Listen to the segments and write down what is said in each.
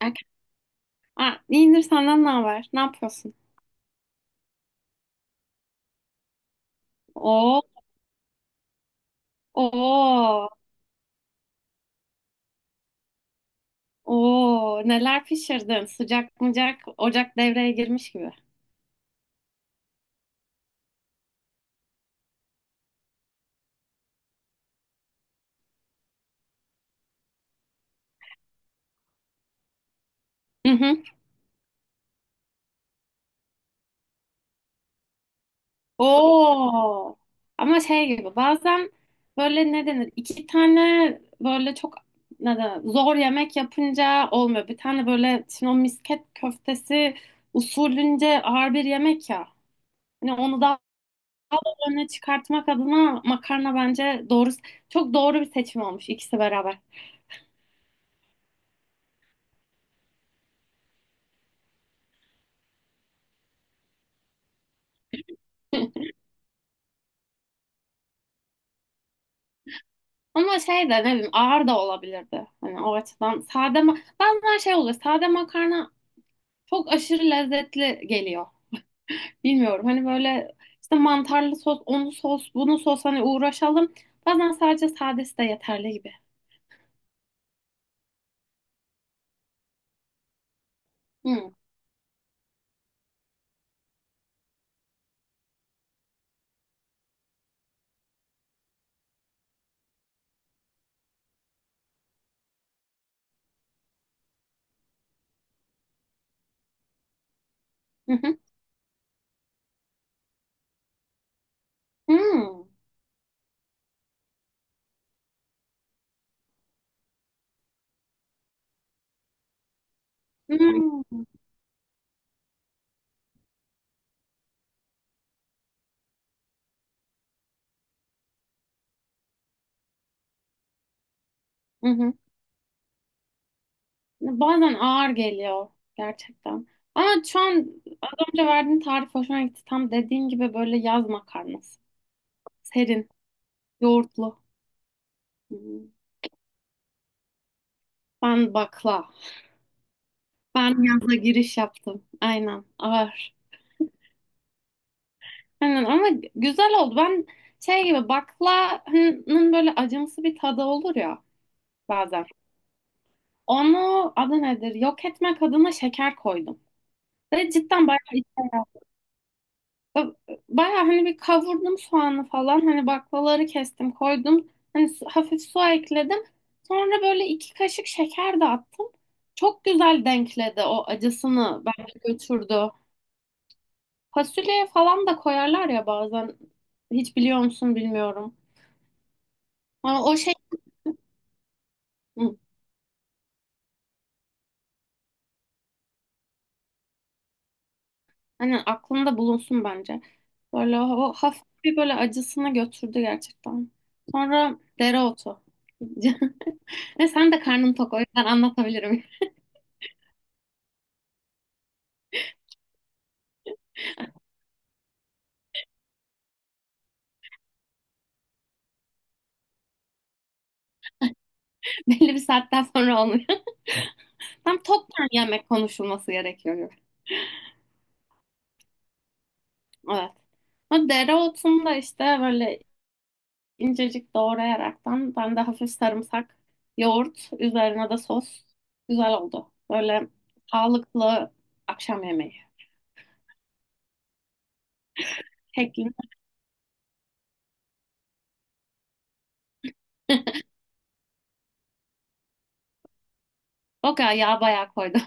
Erken. İyidir, senden ne haber? Ne yapıyorsun? Oo, oo, oo. Neler pişirdin? Sıcak mıcak, ocak devreye girmiş gibi. Hı hı. Oo. Ama şey gibi bazen böyle ne denir? İki tane böyle çok ne denir, zor yemek yapınca olmuyor. Bir tane böyle şimdi o misket köftesi usulünce ağır bir yemek ya. Hani onu daha öne çıkartmak adına makarna bence doğru, çok doğru bir seçim olmuş ikisi beraber. Ama şey de ne bileyim ağır da olabilirdi. Hani o açıdan sade ma bazen şey oluyor. Sade makarna çok aşırı lezzetli geliyor. Bilmiyorum, hani böyle işte mantarlı sos, onu sos, bunu sos hani uğraşalım. Bazen sadece sadesi de yeterli gibi. Hmm. Hı hı. Hmm. Hmm. Hı hı. Bazen ağır geliyor gerçekten. Ama şu an az önce verdiğin tarif hoşuma gitti. Tam dediğin gibi böyle yaz makarnası. Serin, yoğurtlu. Hmm. Ben bakla. Ben yazla giriş yaptım. Aynen. Ağır. Aynen, ama güzel oldu. Ben şey gibi, baklavanın böyle acımsı bir tadı olur ya bazen. Onu adı nedir? Yok etmek adına şeker koydum. Ve cidden bayağı işe yaradı. Bayağı hani bir kavurdum soğanı falan. Hani baklaları kestim, koydum. Hani hafif su ekledim. Sonra böyle iki kaşık şeker de attım. Çok güzel denkledi o acısını. Bence götürdü. Fasulye falan da koyarlar ya bazen. Hiç biliyor musun bilmiyorum. Ama o şey. Hı, hani aklında bulunsun bence. Böyle o hafif bir böyle acısını götürdü gerçekten. Sonra dereotu. Ve sen de karnın tok, o yüzden anlatabilirim. Belli bir saatten sonra olmuyor. Tam toptan yemek konuşulması gerekiyor gibi. Evet. Ama dereotunda işte böyle incecik doğrayaraktan ben de hafif sarımsak, yoğurt, üzerine de sos. Güzel oldu. Böyle sağlıklı akşam yemeği şeklinde. O kadar yağ bayağı koydu.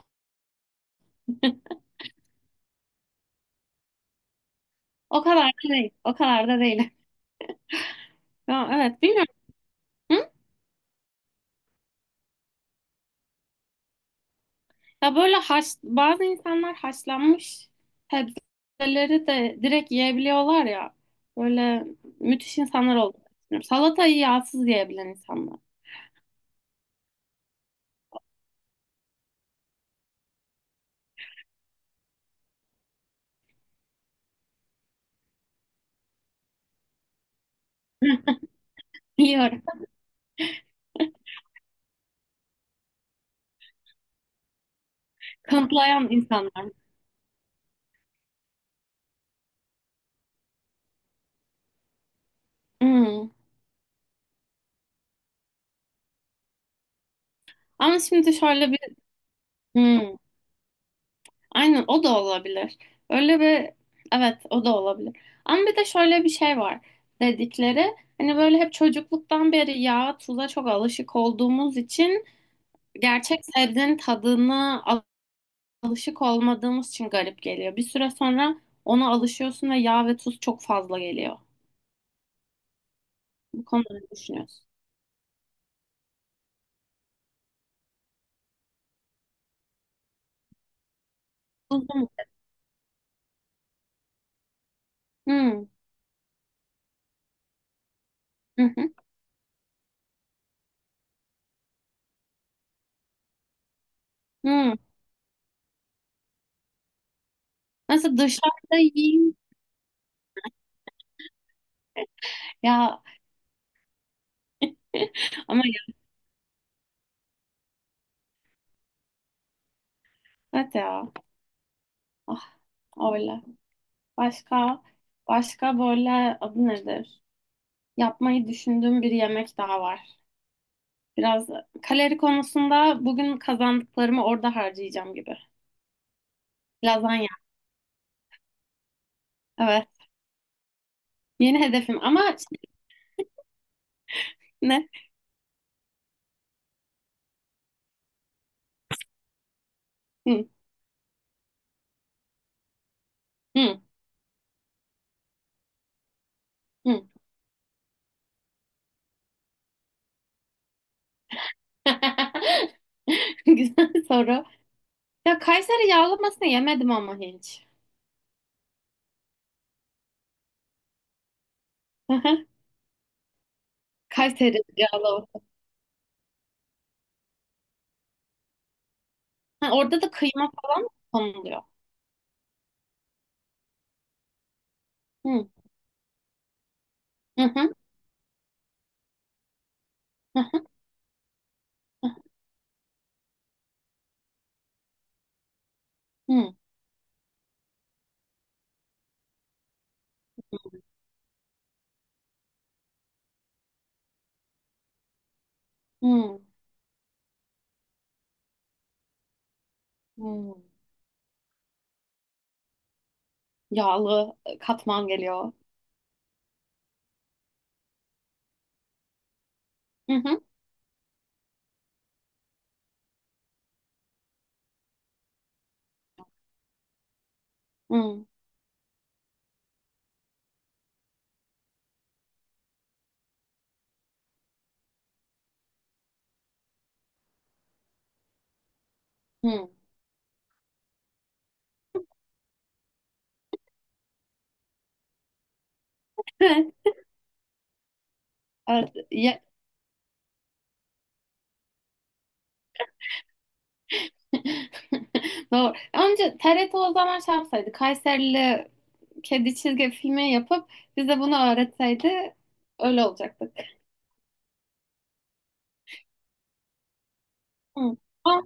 O kadar da değil. O kadar da değil. Ya, evet, bilmiyorum. Hı? Ya böyle haş, bazı insanlar haşlanmış sebzeleri de direkt yiyebiliyorlar ya. Böyle müthiş insanlar oldu. Salatayı yağsız yiyebilen insanlar. Hı, biliyorum. Kanıtlayan insanlar. Hı. Ama şimdi şöyle. Hmm, aynen, o da olabilir. Öyle bir evet, o da olabilir. Ama bir de şöyle bir şey var dedikleri, hani böyle hep çocukluktan beri yağa tuza çok alışık olduğumuz için gerçek sebzenin tadına alışık olmadığımız için garip geliyor. Bir süre sonra ona alışıyorsun ve yağ ve tuz çok fazla geliyor. Bu konuda ne düşünüyorsun? Tuzlu mu? Hmm. Hı hı. Hmm. Nasıl dışarıda yiyeyim? Ya, ama ya, evet ya. Ah, öyle. Başka başka böyle adı nedir? Yapmayı düşündüğüm bir yemek daha var. Biraz kalori konusunda bugün kazandıklarımı orada harcayacağım gibi. Lazanya. Evet. Yeni hedefim ama şey, ne? Hı, hı, hı. Güzel soru. Ya Kayseri yağlamasını yemedim ama hiç. Hı hı. Kayseri yağlaması. Ha, orada da kıyma falan mı konuluyor. Hı, hı, hı, hı, hı, hı. Hı. Yağlı katman geliyor. Hı hı. Hı hı. Evet, evet. Ya. Doğru. Önce TRT o zaman şey yapsaydı, Kayserili kedi çizgi filmi yapıp bize bunu öğretseydi öyle olacaktık. Hı. Aa,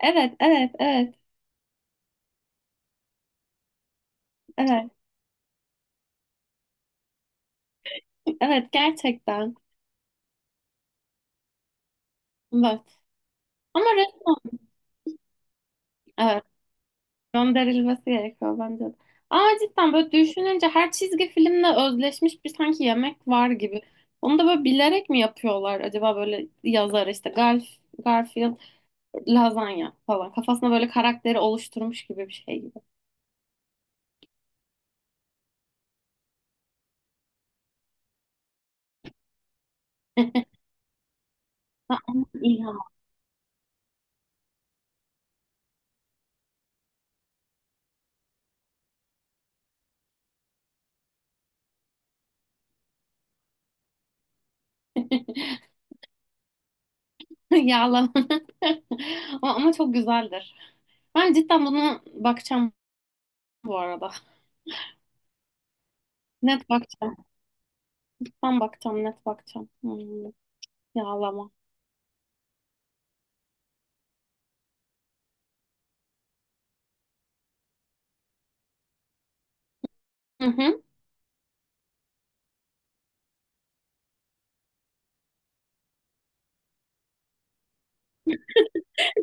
evet, evet, evet, evet, evet, gerçekten. Evet. Ama resmen, evet. Gönderilmesi gerekiyor bence de. Ama cidden böyle düşününce her çizgi filmle özleşmiş bir sanki yemek var gibi. Onu da böyle bilerek mi yapıyorlar acaba, böyle yazar işte Garfield lazanya falan. Kafasına böyle karakteri oluşturmuş gibi bir şey gibi. Ha, ama İlham. Yağlama. Ama ama çok güzeldir. Ben cidden buna bakacağım bu arada. Net bakacağım. Ben bakacağım, net bakacağım. Hmm, yağlama. Hı hı.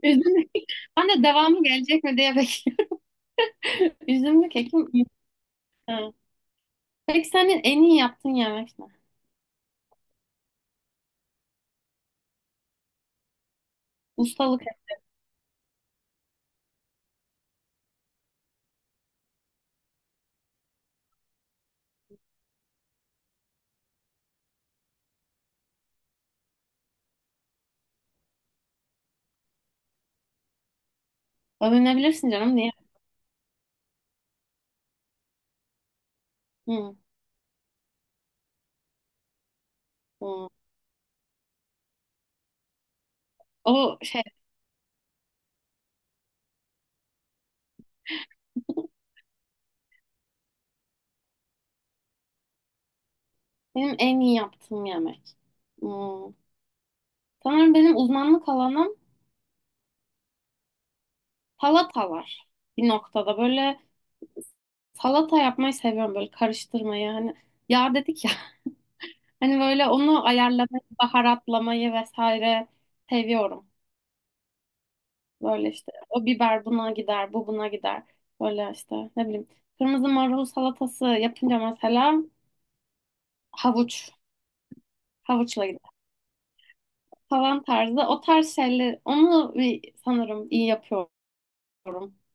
Üzümlü kek. Ben de devamı gelecek mi diye bekliyorum. Üzümlü kekim. Ha. Peki senin en iyi yaptığın yemek ne? Ustalık. Övünebilirsin canım, niye? Hı, hı. O şey, benim en iyi yaptığım yemek. Hı. Sanırım benim uzmanlık alanım salatalar. Bir noktada böyle salata yapmayı seviyorum, böyle karıştırmayı, hani yağ dedik ya, hani böyle onu ayarlamayı, baharatlamayı vesaire seviyorum. Böyle işte o biber buna gider, bu buna gider. Böyle işte ne bileyim. Kırmızı marul salatası yapınca mesela havuç, havuçla gider falan tarzı. O tarz şeyler, onu bir sanırım iyi yapıyorum.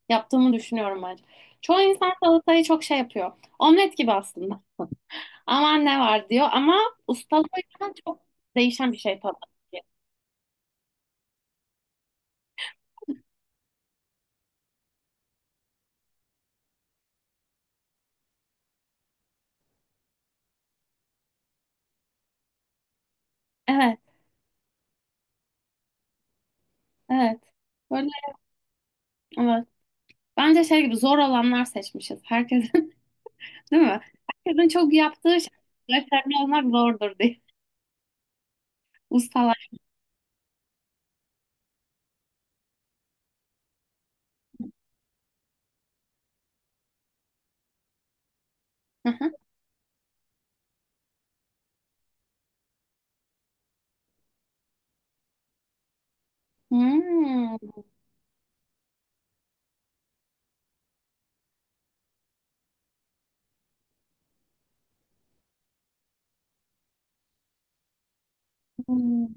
Yaptığımı düşünüyorum bence. Çoğu insan salatayı çok şey yapıyor. Omlet gibi aslında. Aman ne var diyor ama ustalığıyla çok değişen bir şey tabii ki. Evet, evet. Böyle evet. Bence şey gibi zor olanlar seçmişiz. Herkes. Değil mi? Herkesin çok yaptığı şey. Referme olmak zordur diye. Ustalar. Hı hı. Hmm. Hmm.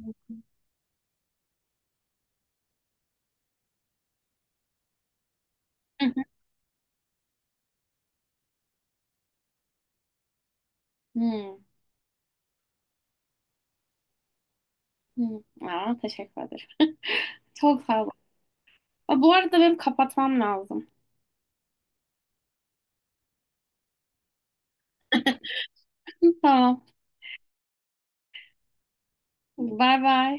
Hı hı. Hmm. Hmm. Hmm. Aa, teşekkür ederim. Çok sağ ol. Aa, bu arada benim kapatmam lazım. Tamam. Bay bay.